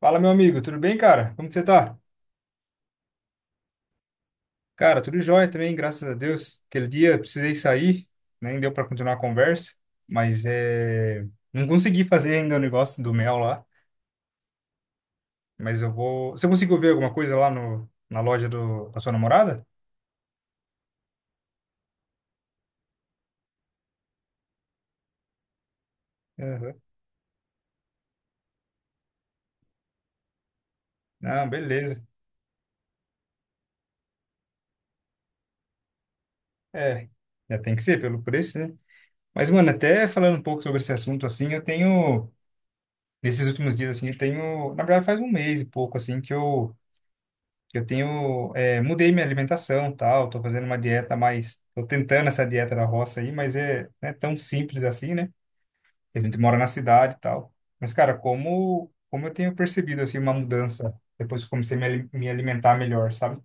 Fala, meu amigo, tudo bem, cara? Como que você tá? Cara, tudo jóia também, graças a Deus. Aquele dia eu precisei sair, nem deu pra continuar a conversa, mas é... não consegui fazer ainda o negócio do mel lá, mas eu vou... Você conseguiu ver alguma coisa lá no... na loja do... da sua namorada? Aham. Não, beleza. É, já tem que ser pelo preço, né? Mas, mano, até falando um pouco sobre esse assunto, assim, eu tenho... Nesses últimos dias, assim, eu tenho... Na verdade, faz um mês e pouco, assim, que eu tenho, é, mudei minha alimentação, tal, tô fazendo uma dieta mais, tô tentando essa dieta da roça aí, mas é, não é tão simples assim, né? A gente mora na cidade e tal. Mas, cara, como eu tenho percebido, assim, uma mudança depois que eu comecei a me alimentar melhor, sabe?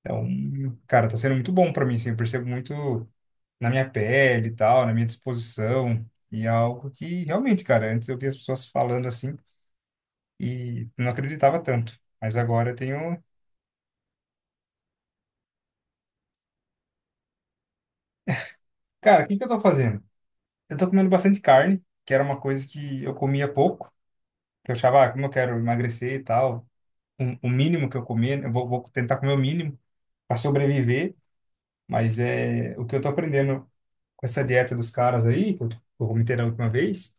Então, cara, tá sendo muito bom para mim, assim, eu percebo muito na minha pele e tal, na minha disposição, e é algo que realmente, cara, antes eu via as pessoas falando assim e não acreditava tanto, mas agora eu tenho, cara, o que que eu tô fazendo? Eu tô comendo bastante carne, que era uma coisa que eu comia pouco, que eu achava, ah, como eu quero emagrecer e tal, o mínimo que eu comer, eu vou tentar comer o mínimo para sobreviver, mas é o que eu tô aprendendo com essa dieta dos caras aí, que eu comentei na última vez,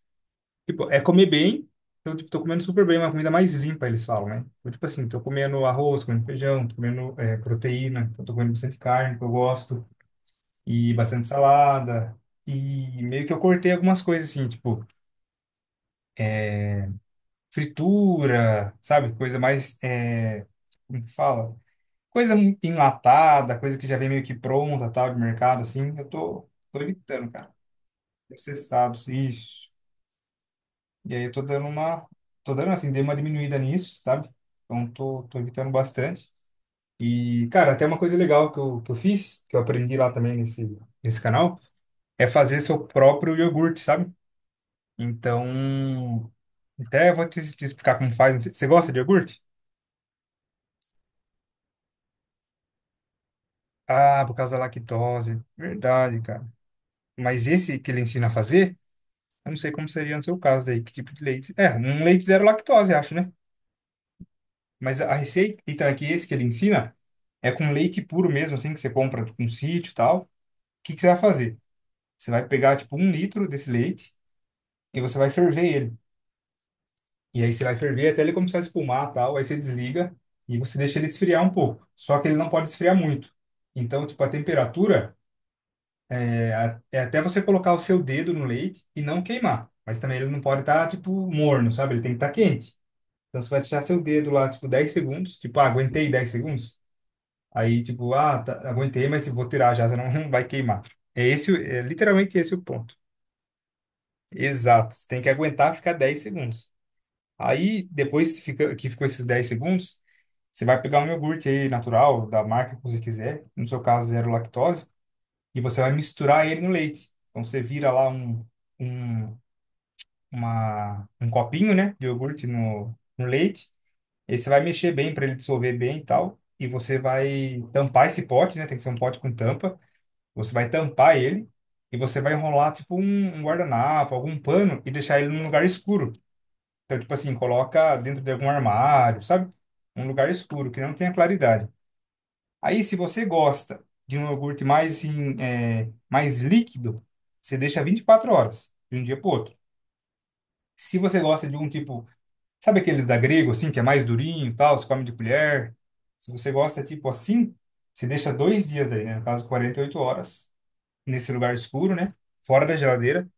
tipo, é comer bem, então, tipo, tô comendo super bem, uma comida mais limpa, eles falam, né? Então, tipo assim, tô comendo arroz, comendo feijão, tô comendo é, proteína, então tô comendo bastante carne, que eu gosto, e bastante salada, e meio que eu cortei algumas coisas, assim, tipo, fritura, sabe? Coisa mais, é, como que fala? Coisa enlatada, coisa que já vem meio que pronta, tal, de mercado, assim. Eu tô evitando, cara. Processados, isso. E aí eu tô dando uma, tô dando assim, dei uma diminuída nisso, sabe? Então tô evitando bastante. E, cara, até uma coisa legal que eu fiz, que eu aprendi lá também nesse canal, é fazer seu próprio iogurte, sabe? Então, até vou te explicar como faz. Você gosta de iogurte? Ah, por causa da lactose. Verdade, cara. Mas esse que ele ensina a fazer, eu não sei como seria no seu caso aí, que tipo de leite. É, um leite zero lactose, acho, né? Mas a receita, então, é que esse que ele ensina é com leite puro mesmo, assim, que você compra com sítio e tal. O que que você vai fazer? Você vai pegar, tipo, um litro desse leite e você vai ferver ele. E aí você vai ferver até ele começar a espumar e tal. Aí você desliga e você deixa ele esfriar um pouco. Só que ele não pode esfriar muito. Então, tipo, a temperatura. É até você colocar o seu dedo no leite e não queimar. Mas também ele não pode estar, tipo, morno, sabe? Ele tem que estar quente. Então você vai deixar seu dedo lá, tipo, 10 segundos. Tipo, ah, aguentei 10 segundos. Aí, tipo, ah, tá, aguentei, mas se vou tirar já, senão não vai queimar. É literalmente esse o ponto. Exato. Você tem que aguentar ficar 10 segundos. Aí, que ficou esses 10 segundos, você vai pegar um iogurte aí natural, da marca que você quiser, no seu caso, zero lactose, e você vai misturar ele no leite. Então você vira lá um. Um uma, Um copinho, né, de iogurte no leite. E aí você vai mexer bem para ele dissolver bem e tal. E você vai tampar esse pote, né? Tem que ser um pote com tampa. Você vai tampar ele e você vai enrolar tipo um guardanapo, algum pano e deixar ele num lugar escuro. Então, tipo assim, coloca dentro de algum armário, sabe? Um lugar escuro que não tenha claridade. Aí, se você gosta de um iogurte mais assim, é, mais líquido, você deixa 24 horas de um dia para outro. Se você gosta de um tipo, sabe aqueles da Grego, assim, que é mais durinho e tal, se come de colher? Se você gosta, tipo assim, você deixa 2 dias daí, né? No caso, 48 horas, nesse lugar escuro, né? Fora da geladeira.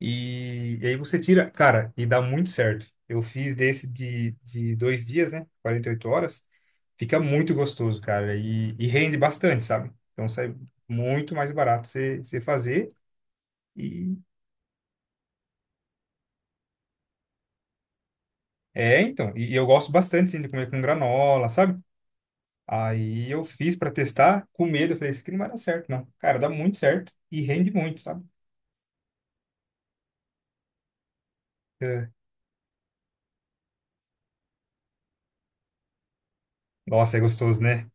E aí você tira, cara, e dá muito certo. Eu fiz desse de 2 dias, né? 48 horas. Fica muito gostoso, cara. E rende bastante, sabe? Então sai muito mais barato você fazer. E é, então. E eu gosto bastante, assim, de comer com granola, sabe? Aí eu fiz pra testar, com medo, eu falei, isso aqui não vai dar certo, não. Cara, dá muito certo e rende muito, sabe? É. Nossa, é gostoso, né?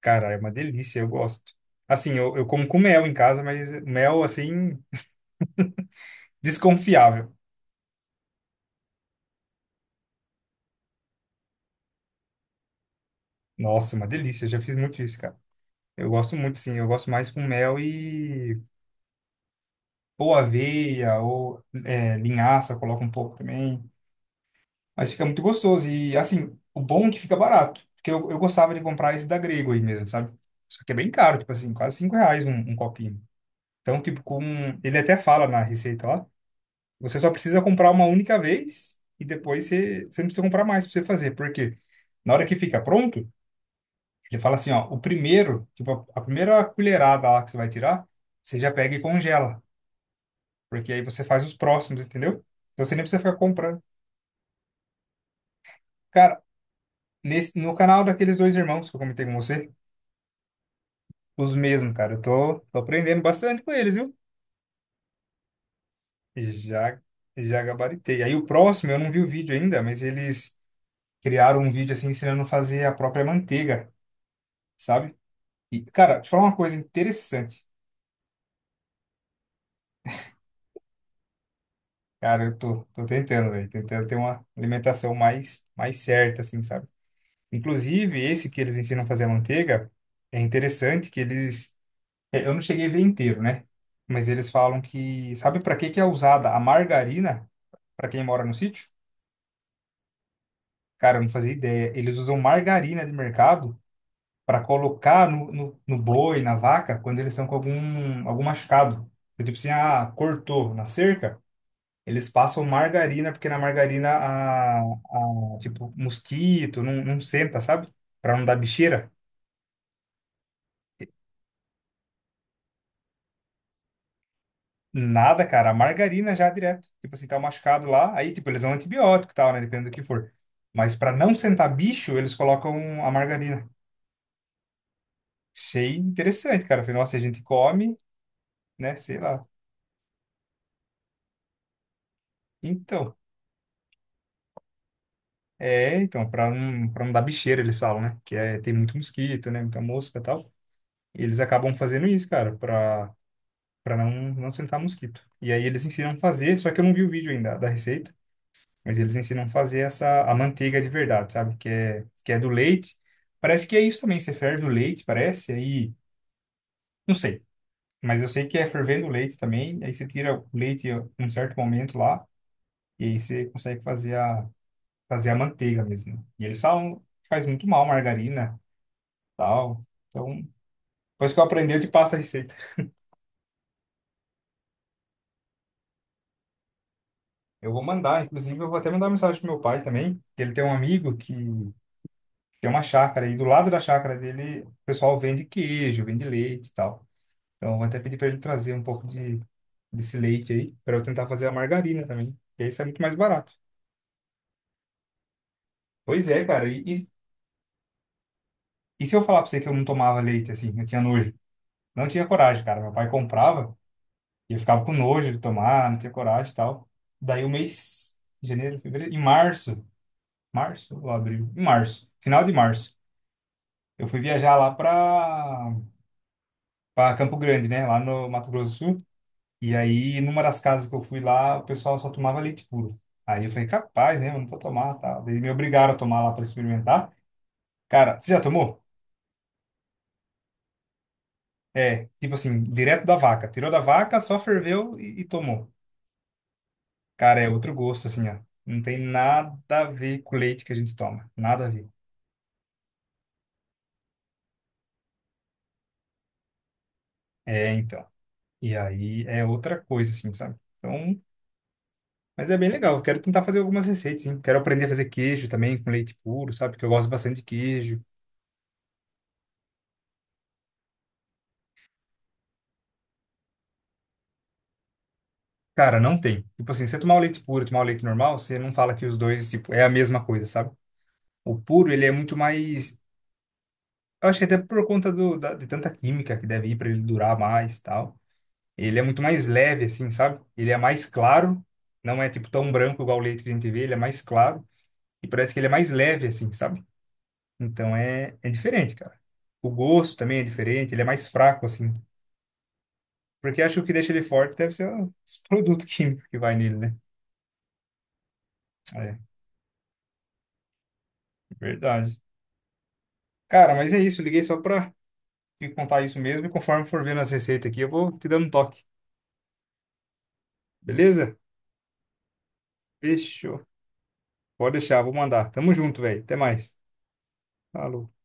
Cara, é uma delícia, eu gosto. Assim, eu como com mel em casa, mas mel, assim, desconfiável. Nossa, uma delícia, eu já fiz muito isso, cara. Eu gosto muito, sim, eu gosto mais com mel e... ou aveia, ou é, linhaça, coloca um pouco também. Mas fica muito gostoso. E assim, o bom é que fica barato. Porque eu gostava de comprar esse da Grego aí mesmo, sabe? Só que é bem caro, tipo assim, quase R$ 5 um copinho. Então, tipo, com. Ele até fala na receita lá. Você só precisa comprar uma única vez e depois você, você não precisa comprar mais pra você fazer. Por quê? Na hora que fica pronto, ele fala assim, ó, o primeiro, tipo, a primeira colherada lá que você vai tirar, você já pega e congela. Porque aí você faz os próximos, entendeu? Então você nem precisa ficar comprando. Cara, no canal daqueles dois irmãos que eu comentei com você. Os mesmos, cara. Eu tô aprendendo bastante com eles, viu? Já, já gabaritei. Aí o próximo, eu não vi o vídeo ainda, mas eles criaram um vídeo assim ensinando a fazer a própria manteiga, sabe? E, cara, te falar uma coisa interessante. Cara, eu tô tentando, velho. Tentando ter uma alimentação mais certa, assim, sabe? Inclusive, esse que eles ensinam a fazer a manteiga, é interessante que eles. Eu não cheguei a ver inteiro, né? Mas eles falam que, sabe para que que é usada a margarina para quem mora no sítio? Cara, eu não fazia ideia. Eles usam margarina de mercado para colocar no boi, na vaca, quando eles estão com algum machucado. Então, tipo assim, ah, cortou na cerca, eles passam margarina, porque na margarina, tipo, mosquito não senta, sabe? Para não dar bicheira. Nada, cara, a margarina já direto. Tipo assim, tá machucado lá, aí, tipo, eles dão antibiótico e tal, né? Depende do que for. Mas para não sentar bicho, eles colocam a margarina. Achei interessante, cara. Falei, nossa, a gente come, né? Sei lá. Então, é, então, para não dar bicheira, eles falam, né? Que é, tem muito mosquito, né? Muita mosca e tal. E eles acabam fazendo isso, cara, para para não, não sentar mosquito. E aí eles ensinam a fazer, só que eu não vi o vídeo ainda da receita, mas eles ensinam a fazer essa, a manteiga de verdade, sabe? Que é do leite. Parece que é isso também, você ferve o leite, parece, aí, não sei. Mas eu sei que é fervendo o leite também, aí você tira o leite em um certo momento lá, e aí você consegue fazer a manteiga mesmo. E eles falam que faz muito mal margarina, tal. Então, depois que eu aprendi, eu te passo a receita. Eu vou mandar, inclusive eu vou até mandar uma mensagem pro meu pai também, que ele tem um amigo que tem uma chácara e do lado da chácara dele o pessoal vende queijo, vende leite e tal. Então, eu vou até pedir para ele trazer um pouco de desse leite aí para eu tentar fazer a margarina também. E aí isso é muito mais barato. Pois é, cara. E se eu falar para você que eu não tomava leite assim, eu tinha nojo. Não tinha coragem, cara. Meu pai comprava e eu ficava com nojo de tomar, não tinha coragem e tal. Daí o mês, janeiro, fevereiro, em março, março ou abril? Em março, final de março, eu fui viajar lá pra, pra Campo Grande, né? Lá no Mato Grosso do Sul. E aí, numa das casas que eu fui lá, o pessoal só tomava leite puro. Aí eu falei, capaz, né? Eu não vou tomar, tá? Daí me obrigaram a tomar lá pra experimentar. Cara, você já tomou? É, tipo assim, direto da vaca. Tirou da vaca, só ferveu e tomou. Cara, é outro gosto, assim, ó. Não tem nada a ver com o leite que a gente toma. Nada a ver. É, então. E aí é outra coisa, assim, sabe? Então, mas é bem legal. Eu quero tentar fazer algumas receitas, sim. Quero aprender a fazer queijo também com leite puro, sabe? Porque eu gosto bastante de queijo. Cara, não tem. Tipo assim, se você tomar o leite puro e tomar o leite normal, você não fala que os dois, tipo, é a mesma coisa, sabe? O puro, ele é muito mais. Eu acho que até por conta de tanta química que deve ir para ele durar mais e tal. Ele é muito mais leve, assim, sabe? Ele é mais claro, não é tipo tão branco igual o leite que a gente vê, ele é mais claro e parece que ele é mais leve, assim, sabe? Então é, é diferente, cara. O gosto também é diferente, ele é mais fraco, assim. Porque acho que o que deixa ele forte deve ser esse produto químico que vai nele, né? É, verdade. Cara, mas é isso, liguei só pra te contar isso mesmo e conforme for vendo as receitas aqui, eu vou te dando um toque, beleza? Fechou. Pode deixar, vou mandar. Tamo junto, velho. Até mais. Falou.